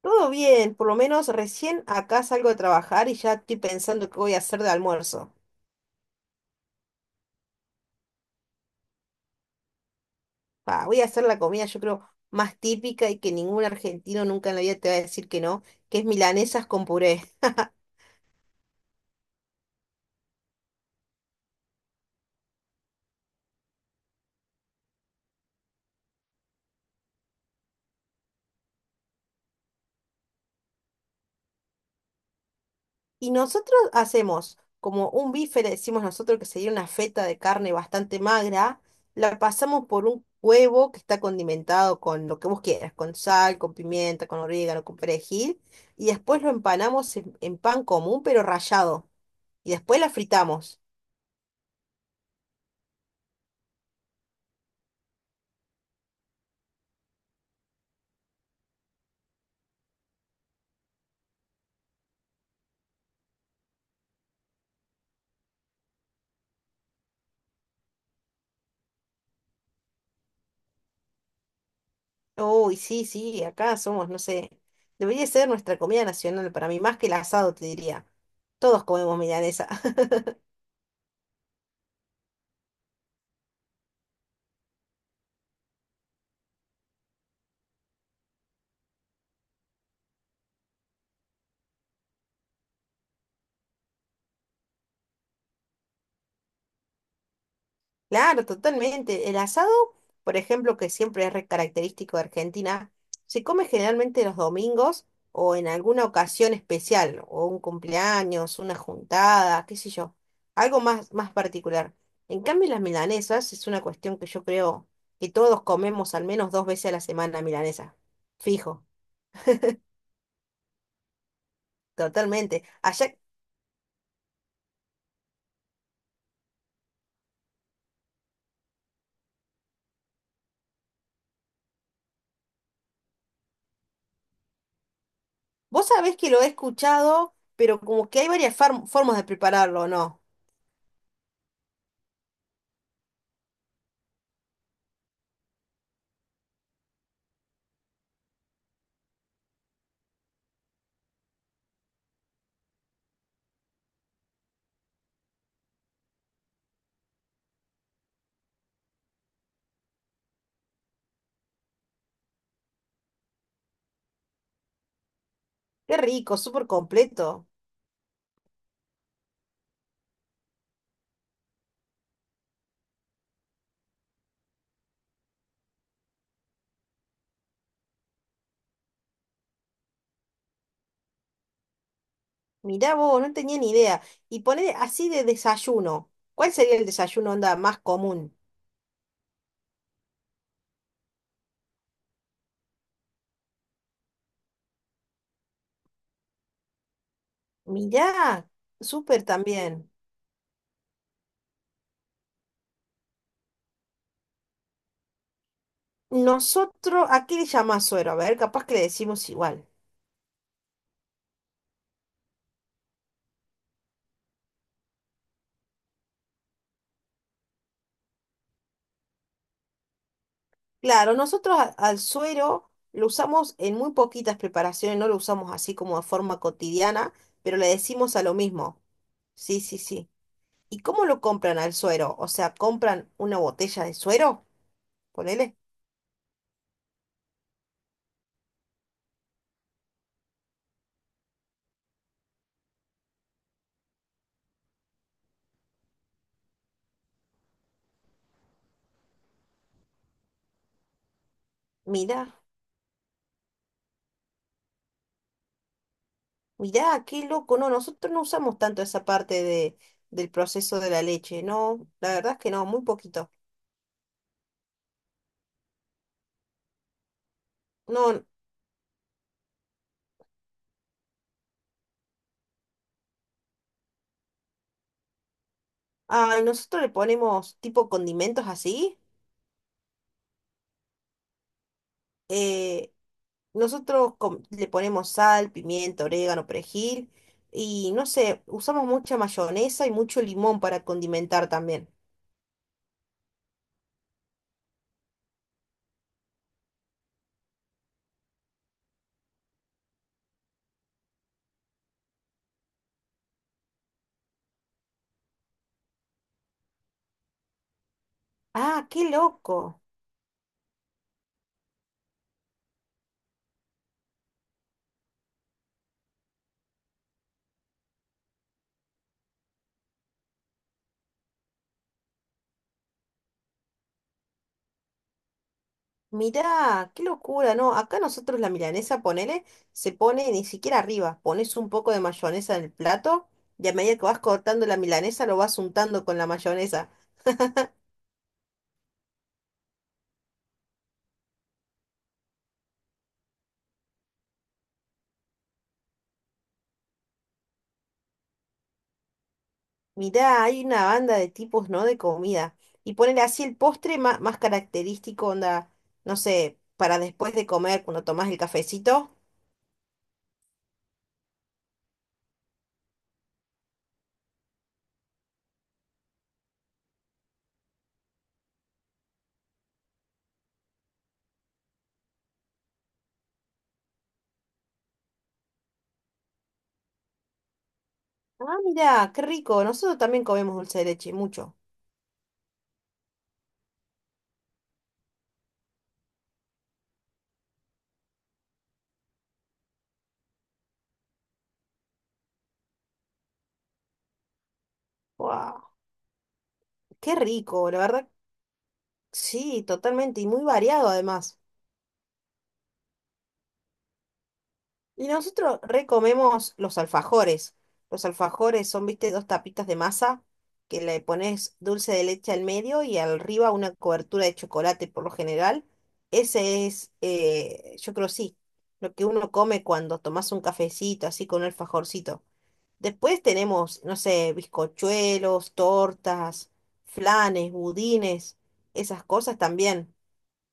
Todo bien, por lo menos recién acá salgo de trabajar y ya estoy pensando qué voy a hacer de almuerzo. Pa, voy a hacer la comida, yo creo, más típica y que ningún argentino nunca en la vida te va a decir que no, que es milanesas con puré. Y nosotros hacemos como un bife, le decimos nosotros que sería una feta de carne bastante magra, la pasamos por un huevo que está condimentado con lo que vos quieras, con sal, con pimienta, con orégano, con perejil, y después lo empanamos en pan común pero rallado, y después la fritamos. Uy, sí, sí, acá somos, no sé, debería ser nuestra comida nacional para mí, más que el asado, te diría. Todos comemos milanesa. Claro, totalmente. El asado, por ejemplo, que siempre es re característico de Argentina, se come generalmente los domingos o en alguna ocasión especial, o un cumpleaños, una juntada, qué sé yo, algo más, más particular. En cambio, las milanesas es una cuestión que yo creo que todos comemos al menos dos veces a la semana milanesa. Fijo, totalmente. Allá. Vos sabés que lo he escuchado, pero como que hay varias formas de prepararlo, ¿no? Qué rico, súper completo. Mirá vos, no tenía ni idea. Y poner así de desayuno. ¿Cuál sería el desayuno onda más común? Mirá, súper también. Nosotros, ¿a qué le llamás suero? A ver, capaz que le decimos igual. Claro, nosotros al suero lo usamos en muy poquitas preparaciones, no lo usamos así como de forma cotidiana, pero le decimos a lo mismo. Sí, sí, sí. ¿Y cómo lo compran al suero? O sea, ¿compran una botella de suero? Ponele. Mirá, mirá, qué loco. No, nosotros no usamos tanto esa parte de, del proceso de la leche. No, la verdad es que no, muy poquito. No, ay, nosotros le ponemos tipo condimentos así. eh, Nosotros le ponemos sal, pimienta, orégano, perejil. Y no sé, usamos mucha mayonesa y mucho limón para condimentar también. Ah, qué loco. Mirá, qué locura, ¿no? Acá nosotros la milanesa, ponele, se pone ni siquiera arriba, pones un poco de mayonesa en el plato y a medida que vas cortando la milanesa lo vas untando con la mayonesa. Mirá, hay una banda de tipos, ¿no? De comida. Y ponele así el postre más, característico, onda, no sé, para después de comer, cuando tomás el cafecito. Ah, mirá, qué rico, nosotros también comemos dulce de leche, mucho. ¡Wow! Qué rico, la verdad, sí, totalmente, y muy variado además. Y nosotros recomemos los alfajores. Los alfajores son, viste, dos tapitas de masa que le pones dulce de leche al medio y arriba una cobertura de chocolate por lo general. Ese es, yo creo sí, lo que uno come cuando tomas un cafecito así con un alfajorcito. Después tenemos, no sé, bizcochuelos, tortas, flanes, budines, esas cosas también,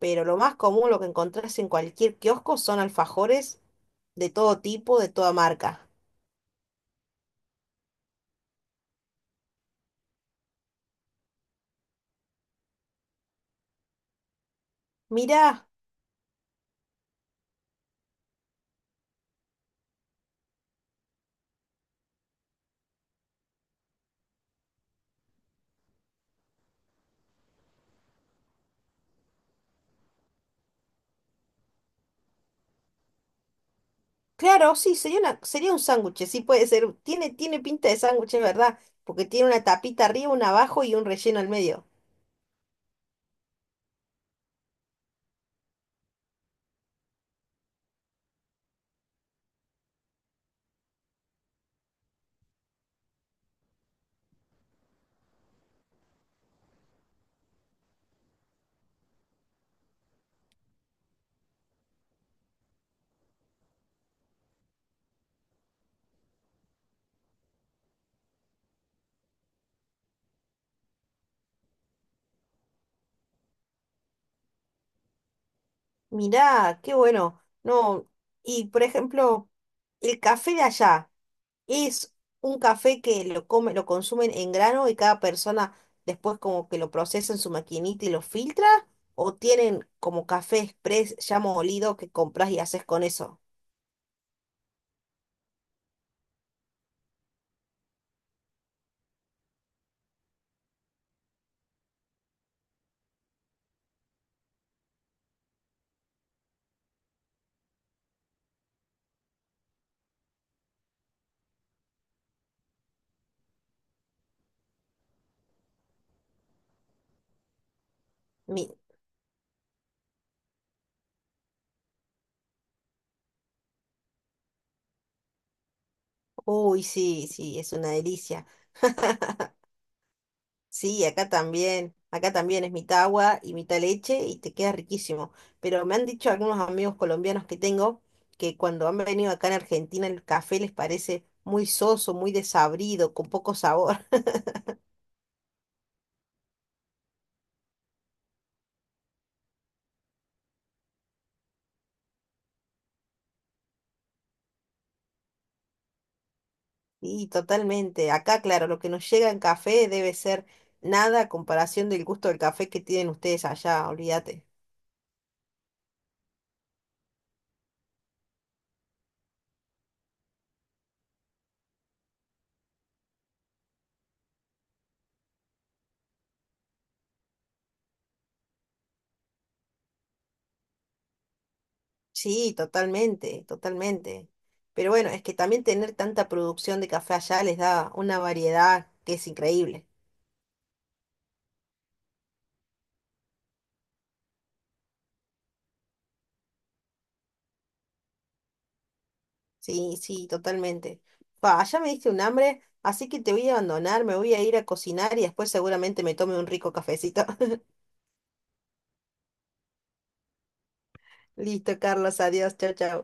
pero lo más común, lo que encontrás en cualquier kiosco, son alfajores de todo tipo, de toda marca. Mirá, claro, sí, sería una, sería un sándwich, sí puede ser, tiene, tiene pinta de sándwich, es verdad, porque tiene una tapita arriba, una abajo y un relleno al medio. Mirá, qué bueno, no, y por ejemplo, el café de allá. Es un café que lo come, lo consumen en grano y cada persona después como que lo procesa en su maquinita y lo filtra, o tienen como café express ya molido que compras y haces con eso. Mi- Uy, sí, sí, es una delicia. Sí, acá también es mitad agua y mitad leche y te queda riquísimo. Pero me han dicho algunos amigos colombianos que tengo que cuando han venido acá en Argentina el café les parece muy soso, muy desabrido, con poco sabor. Sí, totalmente. Acá, claro, lo que nos llega en café debe ser nada a comparación del gusto del café que tienen ustedes allá, olvídate. Sí, totalmente, totalmente. Pero bueno, es que también tener tanta producción de café allá les da una variedad que es increíble. Sí, sí, totalmente. Pa, ya me diste un hambre, así que te voy a abandonar, me voy a ir a cocinar y después seguramente me tome un rico cafecito. Listo, Carlos, adiós, chao, chao.